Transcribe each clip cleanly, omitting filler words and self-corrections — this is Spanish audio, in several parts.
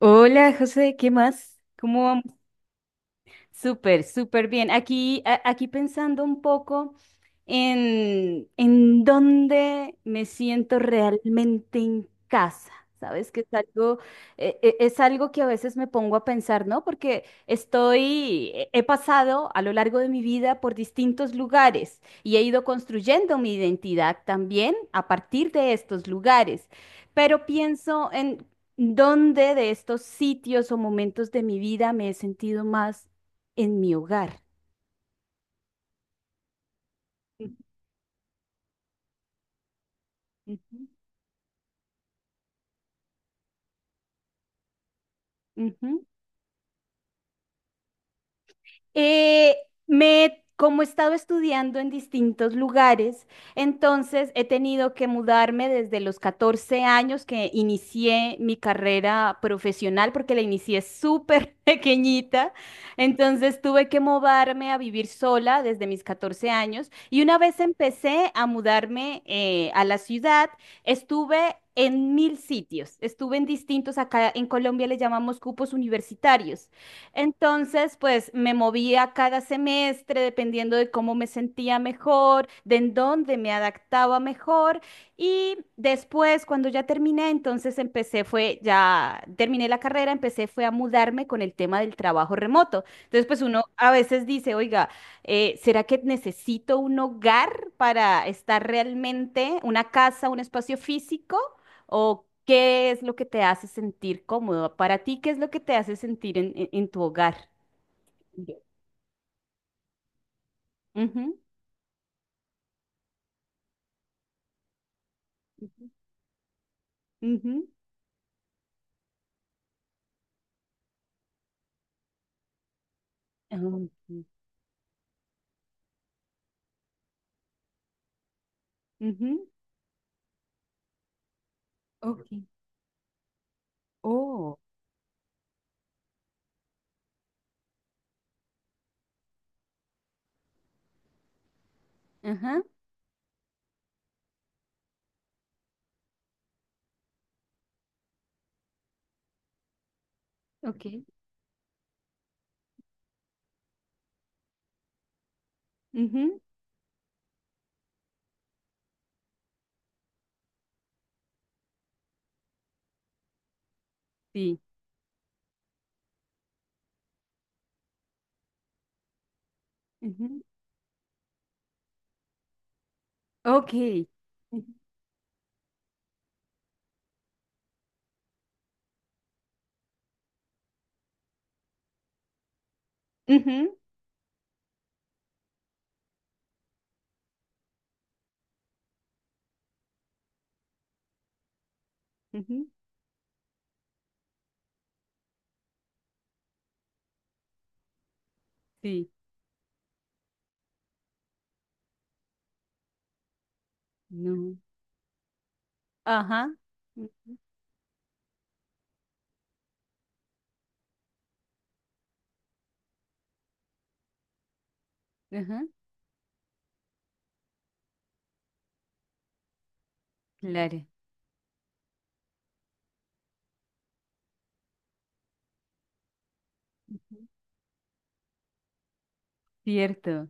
Hola, José, ¿qué más? ¿Cómo vamos? Súper, súper bien. Aquí, aquí pensando un poco en dónde me siento realmente en casa. Sabes que es algo, es algo que a veces me pongo a pensar, ¿no? Porque he pasado a lo largo de mi vida por distintos lugares y he ido construyendo mi identidad también a partir de estos lugares. Pero pienso en dónde de estos sitios o momentos de mi vida me he sentido más en mi hogar. Ujú. Ujú. Eh, como he estado estudiando en distintos lugares, entonces he tenido que mudarme desde los 14 años que inicié mi carrera profesional, porque la inicié súper pequeñita, entonces tuve que mudarme a vivir sola desde mis 14 años y una vez empecé a mudarme a la ciudad, estuve en mil sitios. Estuve en distintos, acá en Colombia le llamamos cupos universitarios. Entonces, pues me movía cada semestre dependiendo de cómo me sentía mejor, de en dónde me adaptaba mejor. Y después, cuando ya terminé, entonces empecé, fue, ya terminé la carrera, empecé, fue a mudarme con el tema del trabajo remoto. Entonces, pues uno a veces dice, oiga, ¿será que necesito un hogar para estar realmente, una casa, un espacio físico? ¿O qué es lo que te hace sentir cómodo? Para ti, ¿qué es lo que te hace sentir en, en tu hogar? Yo. Ujú. Ujú. Ujú. Ujú. Ujú. Ok. Oh. Ajá. Ok. Ujú. Sí. Ujú. Ok. Ujú. Ujú. Ujú. Sí. No. Ajá. Ujú. Ajá. Claro. Cierto.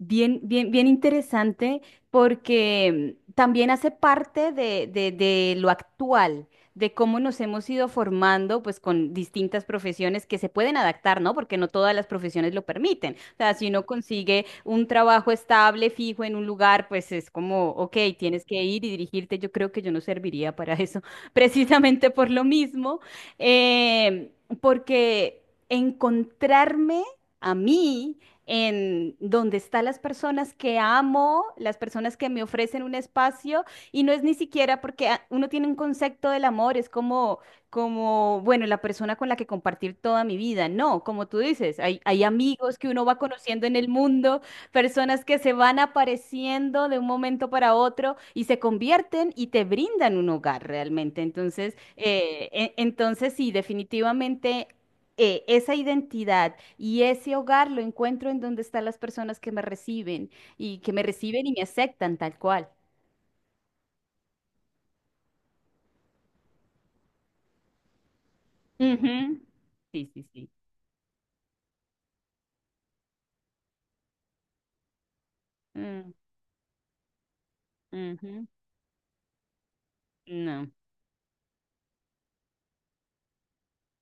Bien, bien, bien interesante porque también hace parte de, de lo actual, de cómo nos hemos ido formando pues con distintas profesiones que se pueden adaptar, ¿no? Porque no todas las profesiones lo permiten. O sea, si uno consigue un trabajo estable, fijo en un lugar, pues es como, ok, tienes que ir y dirigirte. Yo creo que yo no serviría para eso, precisamente por lo mismo, eh, porque encontrarme a mí en donde están las personas que amo, las personas que me ofrecen un espacio, y no es ni siquiera porque uno tiene un concepto del amor, es como, bueno, la persona con la que compartir toda mi vida. No, como tú dices, hay amigos que uno va conociendo en el mundo, personas que se van apareciendo de un momento para otro y se convierten y te brindan un hogar realmente. Entonces, entonces sí, definitivamente esa identidad y ese hogar lo encuentro en donde están las personas que me reciben y que me reciben y me aceptan tal cual. Ujú. Sí, sí, sí. Mm, ujú. No.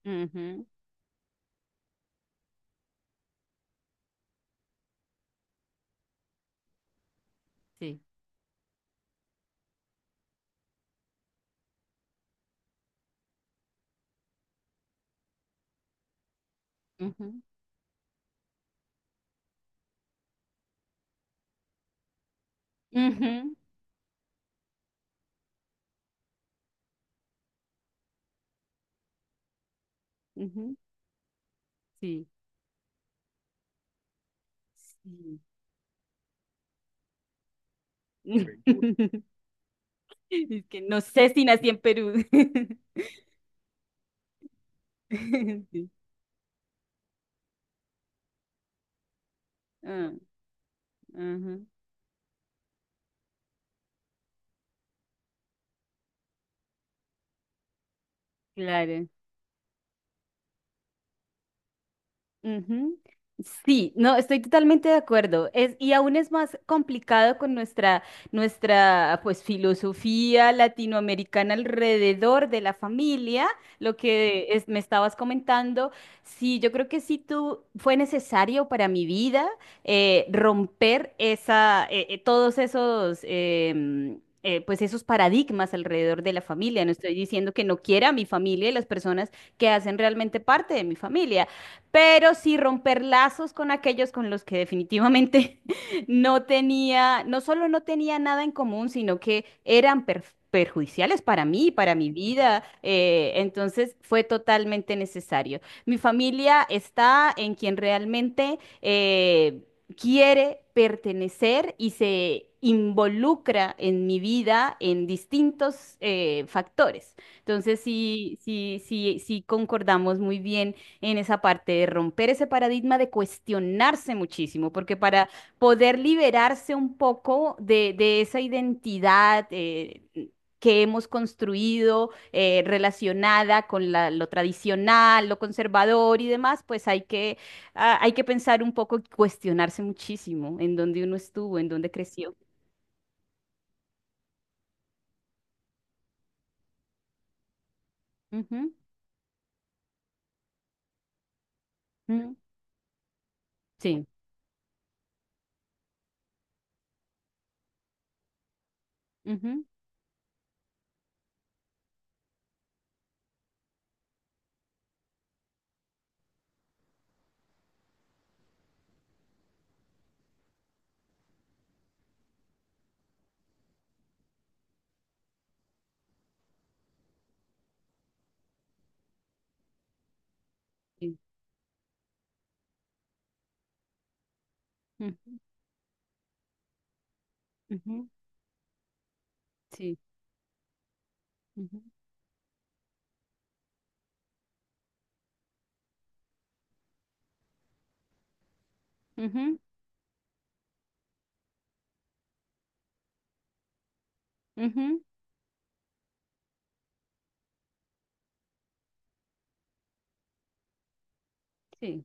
Ujú. Sí. Ujú. Ujú. Ujú. Sí. Sí. Es que no sé si nací en Perú. Sí. Ah, ujú. Claro. Ujú. Sí, no, estoy totalmente de acuerdo. Es, y aún es más complicado con nuestra, nuestra filosofía latinoamericana alrededor de la familia, lo que me estabas comentando. Sí, yo creo que sí tú fue necesario para mi vida romper esa, todos esos pues esos paradigmas alrededor de la familia. No estoy diciendo que no quiera a mi familia y las personas que hacen realmente parte de mi familia pero sí romper lazos con aquellos con los que definitivamente no tenía, no solo no tenía nada en común, sino que eran perjudiciales para mí, para mi vida. Entonces fue totalmente necesario. Mi familia está en quien realmente quiere pertenecer y se involucra en mi vida en distintos factores. Entonces, sí, sí, sí, sí concordamos muy bien en esa parte de romper ese paradigma, de cuestionarse muchísimo, porque para poder liberarse un poco de esa identidad que hemos construido relacionada con lo tradicional, lo conservador y demás, pues hay que, hay que pensar un poco, cuestionarse muchísimo en dónde uno estuvo, en dónde creció. Ujú. Ujú. Sí. Ujú. Sí. Ujú. Ujú. Sí. Ujú. Ujú. Ujú. Sí.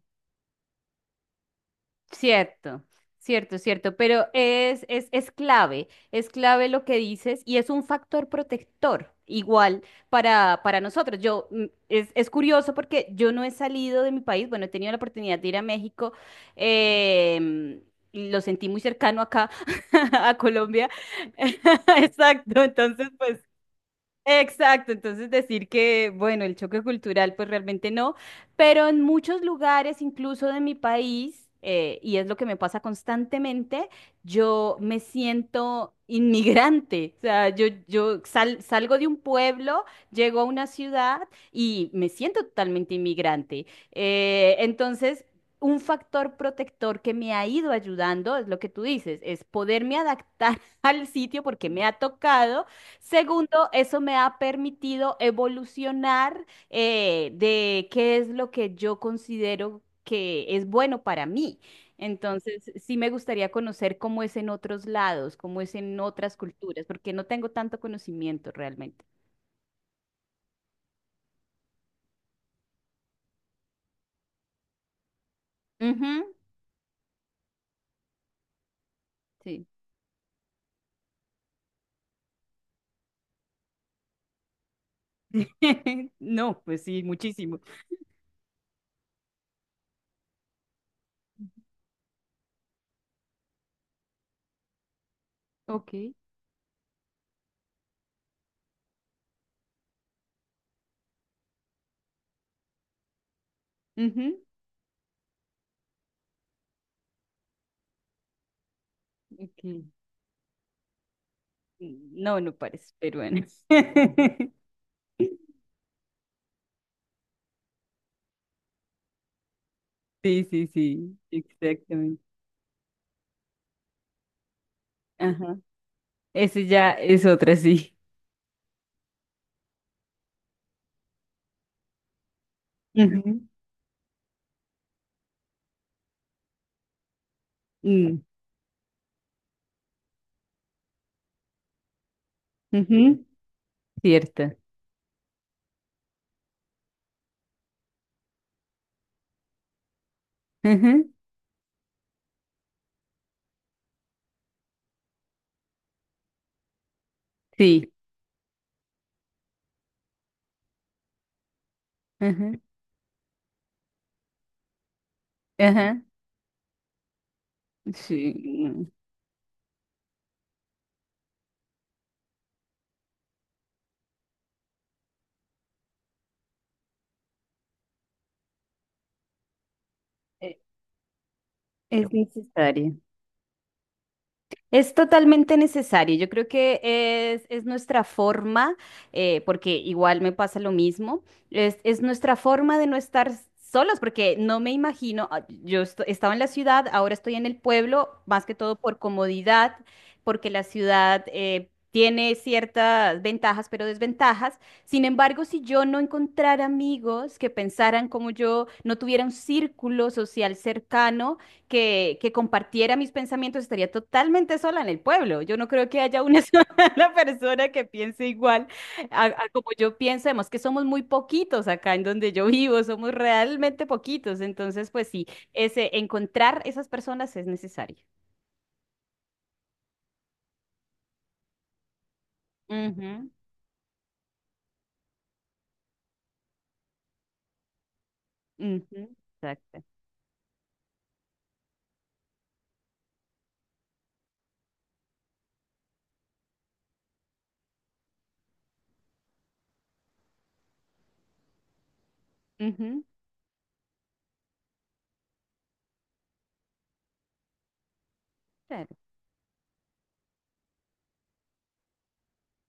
Cierto, cierto, cierto, pero es, es clave, es clave lo que dices y es un factor protector igual para nosotros. Es curioso porque yo no he salido de mi país, bueno, he tenido la oportunidad de ir a México, em, y lo sentí muy cercano acá, a Colombia. exacto, entonces pues Exacto, entonces decir que, bueno, el choque cultural, pues realmente no, pero en muchos lugares, incluso de mi país, y es lo que me pasa constantemente, yo me siento inmigrante, o sea, salgo de un pueblo, llego a una ciudad y me siento totalmente inmigrante. Entonces... Un factor protector que me ha ido ayudando es lo que tú dices, es poderme adaptar al sitio porque me ha tocado. Segundo, eso me ha permitido evolucionar de qué es lo que yo considero que es bueno para mí. Entonces, sí me gustaría conocer cómo es en otros lados, cómo es en otras culturas, porque no tengo tanto conocimiento realmente. Ujú. Sí. No, pues sí, muchísimo. Ok. Ujú. Ok. No, no parece, pero bueno. Sí, sí, sí, exactamente. Ajá. Ese ya es otra, sí. Ujú. Mm, ujú. Cierto. Ujú. Sí. Ujú. Ajá. Sí. Mm. e- Es necesario. Es totalmente necesario. Yo creo que es nuestra forma, porque igual me pasa lo mismo, es nuestra forma de no estar solos, porque no me imagino, yo estaba en la ciudad, ahora estoy en el pueblo, más que todo por comodidad, porque la ciudad tiene ciertas ventajas, pero desventajas. Sin embargo, si yo no encontrara amigos que pensaran como yo, no tuviera un círculo social cercano, que compartiera mis pensamientos, estaría totalmente sola en el pueblo. Yo no creo que haya una sola persona que piense igual a como yo pienso. Además que somos muy poquitos acá en donde yo vivo, somos realmente poquitos. Entonces, pues sí, encontrar esas personas es necesario. Ujú. Ujú. Exacto. Ujú. Claro.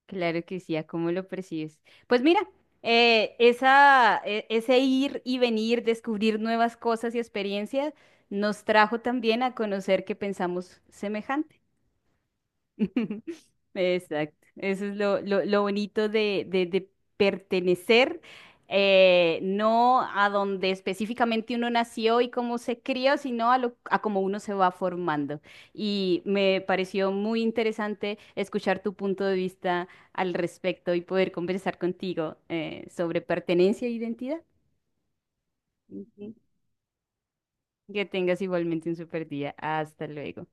Claro que sí, ¿a cómo lo percibes? Pues mira, ese ir y venir, descubrir nuevas cosas y experiencias, nos trajo también a conocer que pensamos semejante. Exacto. Eso es lo bonito de, de pertenecer, no a donde específicamente uno nació y cómo se crió, sino a cómo uno se va formando. Y me pareció muy interesante escuchar tu punto de vista al respecto y poder conversar contigo sobre pertenencia e identidad. Ujú. Que tengas igualmente un super día. Hasta luego.